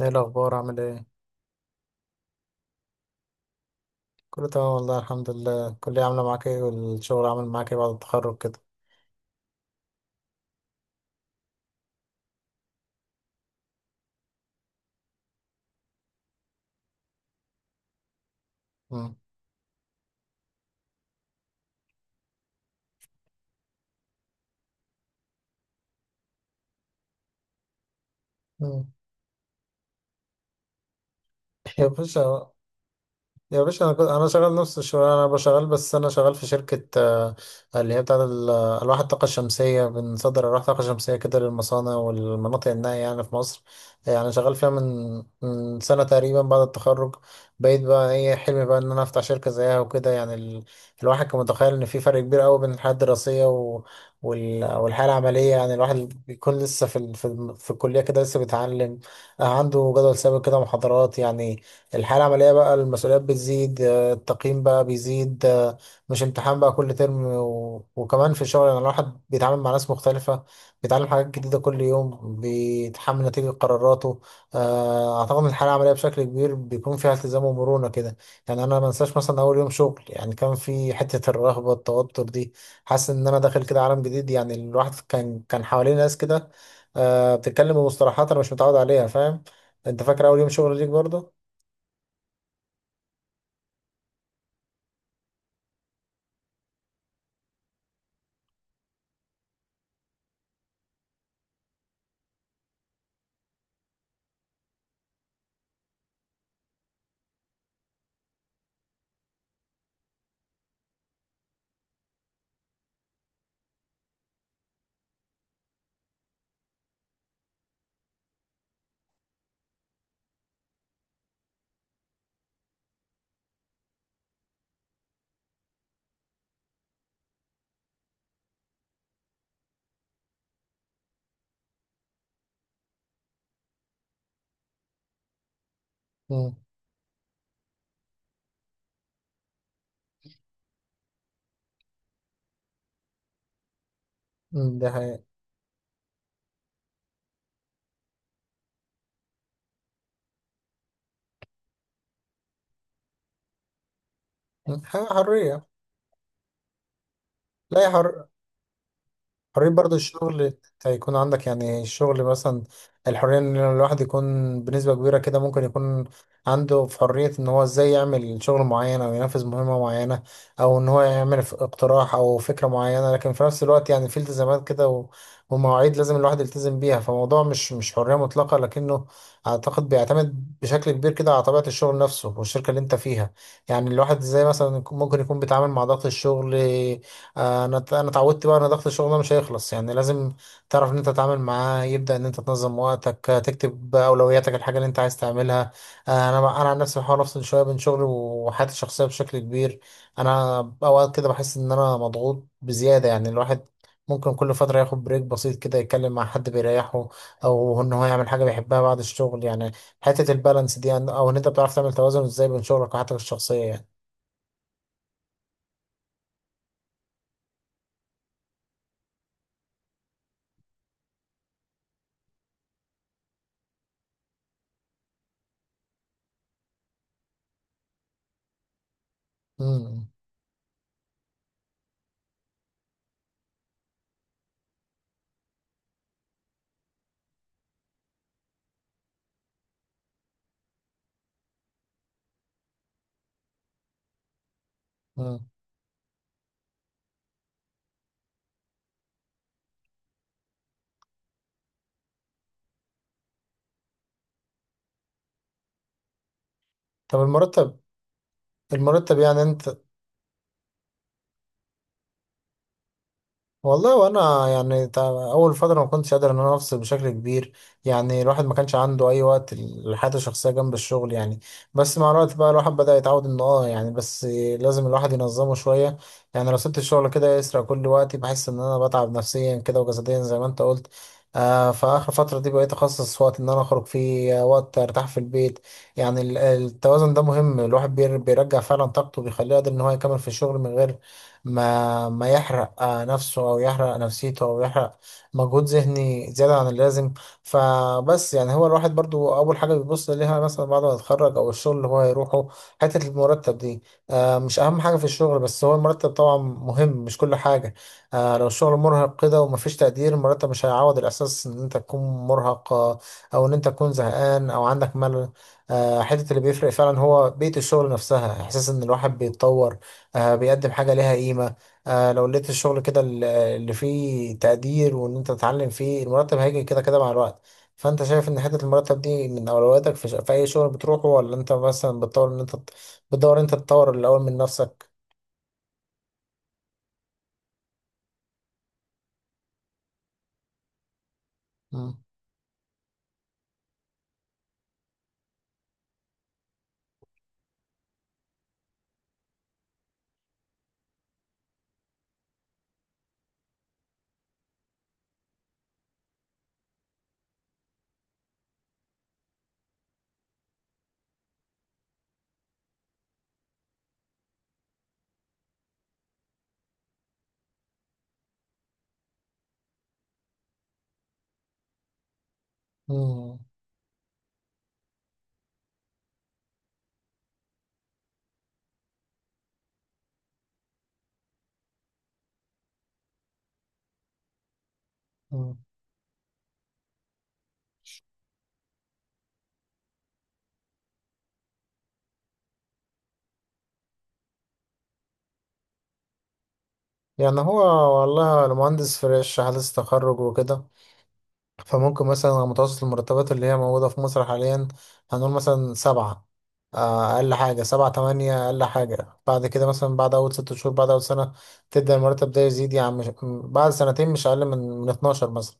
ايه الاخبار؟ عامل ايه؟ كله تمام والله، الحمد لله. الكليه عامله معاك ايه والشغل عامل معاك ايه بعد التخرج كده؟ مم. مم. يا باشا. يا باشا، انا شغال نفس الشغل. انا بشغال بس انا شغال في شركه، اللي هي بتاعه الواح الطاقه الشمسيه. بنصدر الواح الطاقه الشمسيه كده للمصانع والمناطق النائيه يعني في مصر. يعني شغال فيها من سنه تقريبا بعد التخرج. بقيت بقى ايه حلمي بقى ان انا افتح شركه زيها وكده، يعني الواحد كان متخيل ان في فرق كبير قوي بين الحياه الدراسيه والحياه العمليه. يعني الواحد بيكون لسه في ال... في, الم- في الكليه كده لسه بيتعلم، عنده جدول ثابت كده محاضرات يعني. الحياة العملية بقى المسؤوليات بتزيد، التقييم بقى بيزيد، مش امتحان بقى كل ترم، وكمان في الشغل يعني الواحد بيتعامل مع ناس مختلفة، بيتعلم حاجات جديدة كل يوم، بيتحمل نتيجة قراراته. أعتقد إن الحياة العملية بشكل كبير بيكون فيها التزام ومرونة كده. يعني أنا ما أنساش مثلا أول يوم شغل، يعني كان في حتة الرهبة والتوتر دي، حاسس إن أنا داخل كده عالم جديد. يعني الواحد كان حواليه ناس كده بتتكلم بمصطلحات أنا مش متعود عليها، فاهم؟ أنت فاكر أول يوم شغل ليك برضه؟ مم، ده حقيقة. حاجة حرية. لا. حرية برضه الشغل هيكون عندك. يعني الشغل مثلا الحرية ان الواحد يكون بنسبة كبيرة كده ممكن يكون عنده في حرية ان هو ازاي يعمل شغل معين او ينفذ مهمة معينة، او ان هو يعمل اقتراح او فكرة معينة. لكن في نفس الوقت يعني في التزامات كده، ومواعيد لازم الواحد يلتزم بيها. فموضوع مش حرية مطلقة، لكنه اعتقد بيعتمد بشكل كبير كده على طبيعة الشغل نفسه والشركة اللي انت فيها. يعني الواحد ازاي مثلا ممكن يكون بيتعامل مع ضغط الشغل. انا اتعودت بقى ان ضغط الشغل ده مش هيخلص. يعني لازم تعرف ان انت تتعامل معاه، يبدا ان انت تنظم وقتك، تكتب اولوياتك، الحاجه اللي انت عايز تعملها. انا عن نفسي بحاول افصل شويه بين شغلي وحياتي الشخصيه بشكل كبير. انا اوقات كده بحس ان انا مضغوط بزياده. يعني الواحد ممكن كل فتره ياخد بريك بسيط كده، يتكلم مع حد بيريحه او ان هو يعمل حاجه بيحبها بعد الشغل. يعني حته البالانس دي، او ان انت بتعرف تعمل توازن ازاي بين شغلك وحياتك الشخصيه يعني. امم. أمم. طب المرتب. المرتب يعني انت. والله وانا اول فتره ما كنتش قادر ان انا افصل بشكل كبير. يعني الواحد ما كانش عنده اي وقت لحياته الشخصيه جنب الشغل، يعني بس مع الوقت بقى الواحد بدا يتعود انه، يعني، بس لازم الواحد ينظمه شويه. يعني لو سبت الشغل كده يسرق كل وقتي، بحس ان انا بتعب نفسيا كده وجسديا زي ما انت قلت. فاخر فتره دي بقيت اخصص وقت ان انا اخرج فيه، وقت ارتاح في البيت. يعني التوازن ده مهم. الواحد بيرجع فعلا طاقته، بيخليه قادر ان هو يكمل في الشغل من غير ما يحرق نفسه او يحرق نفسيته او يحرق مجهود ذهني زياده عن اللازم. فبس يعني هو الواحد برضو اول حاجه بيبص ليها مثلا بعد ما يتخرج او الشغل اللي هو هيروحه حته المرتب دي، مش اهم حاجه في الشغل بس هو المرتب. طبعا مهم، مش كل حاجه. لو الشغل مرهق كده ومفيش تقدير، المرتب مش هيعوض الاحساس ان انت تكون مرهق، او ان انت تكون زهقان او عندك ملل. حته اللي بيفرق فعلا هو بيئه الشغل نفسها، احساس ان الواحد بيتطور، بيقدم حاجة ليها قيمة. لو لقيت الشغل كده اللي فيه تقدير وإن أنت تتعلم فيه، المرتب هيجي كده كده مع الوقت. فأنت شايف إن حتة المرتب دي من أولوياتك في أي شغل بتروحه، ولا أنت مثلا بتطور إن أنت تط- بتدور إن أنت تطور الأول من نفسك؟ مم. مم. مم. يعني هو، والله أنا مهندس فريش حديث تخرج وكده. فممكن مثلا على متوسط المرتبات اللي هي موجودة في مصر حاليا، هنقول مثلا سبعة. أقل حاجة سبعة تمانية أقل حاجة. بعد كده مثلا بعد أول 6 شهور، بعد أول سنة تبدأ المرتب ده يزيد، يعني مش بعد سنتين مش أقل من 12 مثلا.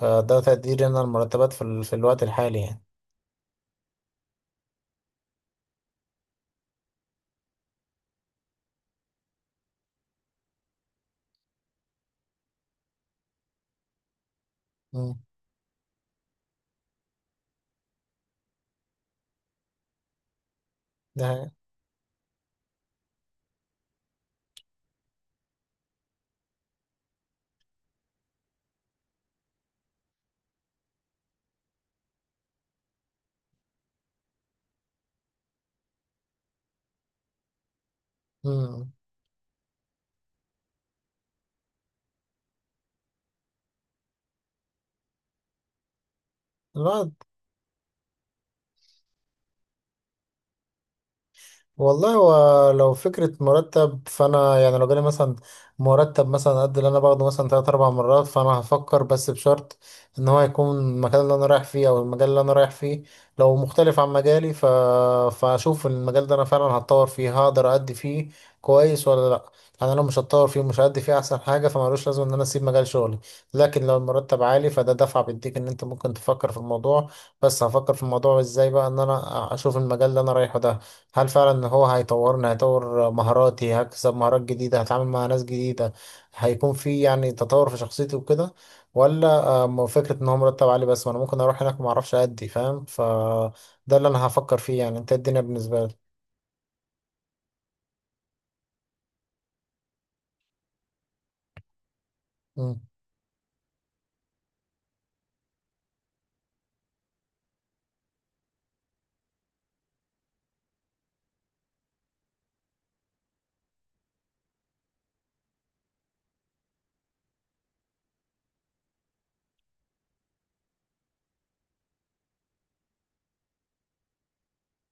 ده تقديري أنا المرتبات في الوقت الحالي يعني. مم. ده. مم. الواحد. والله هو لو فكرة مرتب، فأنا يعني لو جالي مثلا مرتب مثلا قد اللي أنا باخده مثلا تلات أربع مرات، فأنا هفكر، بس بشرط إن هو يكون المكان اللي أنا رايح فيه أو المجال اللي أنا رايح فيه لو مختلف عن مجالي، فأشوف المجال ده أنا فعلا هتطور فيه، هقدر أدي فيه كويس ولا لأ. أنا لو مش هتطور فيه ومش هأدي فيه أحسن حاجة فمالوش لازم إن أنا أسيب مجال شغلي. لكن لو المرتب عالي فده دفعة بيديك إن أنت ممكن تفكر في الموضوع. بس هفكر في الموضوع إزاي بقى؟ إن أنا أشوف المجال اللي أنا رايحه ده هل فعلا إن هو هيطورني، هيطور مهاراتي، هكسب مهارات جديدة، هتعامل مع ناس جديدة، هيكون في يعني تطور في شخصيتي وكده، ولا فكرة ان هو مرتب عالي بس، وانا ممكن اروح هناك ما اعرفش ادي، فاهم؟ فده اللي انا هفكر فيه. يعني انت إيه الدنيا بالنسبة لي؟ مم.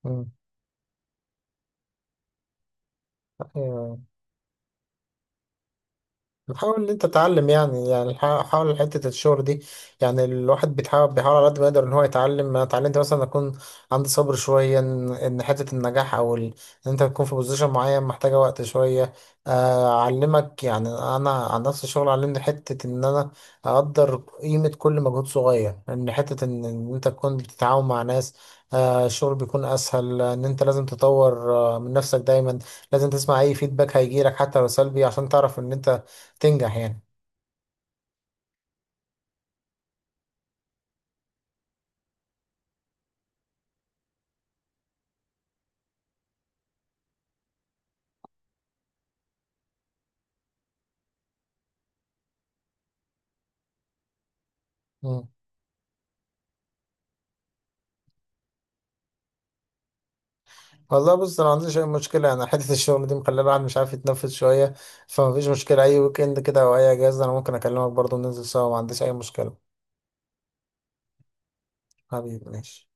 مم. أيوة. حاول ان انت تتعلم، يعني حاول حته الشغل دي. يعني الواحد بيحاول على قد ما يقدر ان هو يتعلم. انا اتعلمت مثلا اكون عندي صبر شويه، ان إن حته النجاح او ان انت تكون في بوزيشن معين محتاجه وقت شويه. اعلمك يعني انا عن نفس الشغل، علمني حته ان انا اقدر قيمه كل مجهود صغير، ان حته إن انت تكون بتتعاون مع ناس، الشغل بيكون اسهل. ان انت لازم تطور من نفسك دايما. لازم تسمع اي فيدباك هيجيلك حتى لو سلبي عشان تعرف ان انت تنجح يعني. مم. والله بص انا ما عنديش اي مشكله. انا حته الشغل دي مخليه الواحد مش عارف يتنفس شويه. فما فيش مشكله، اي ويك اند كده او اي اجازه انا ممكن اكلمك برضه ننزل سوا، ما عنديش اي مشكله. حبيبي ماشي.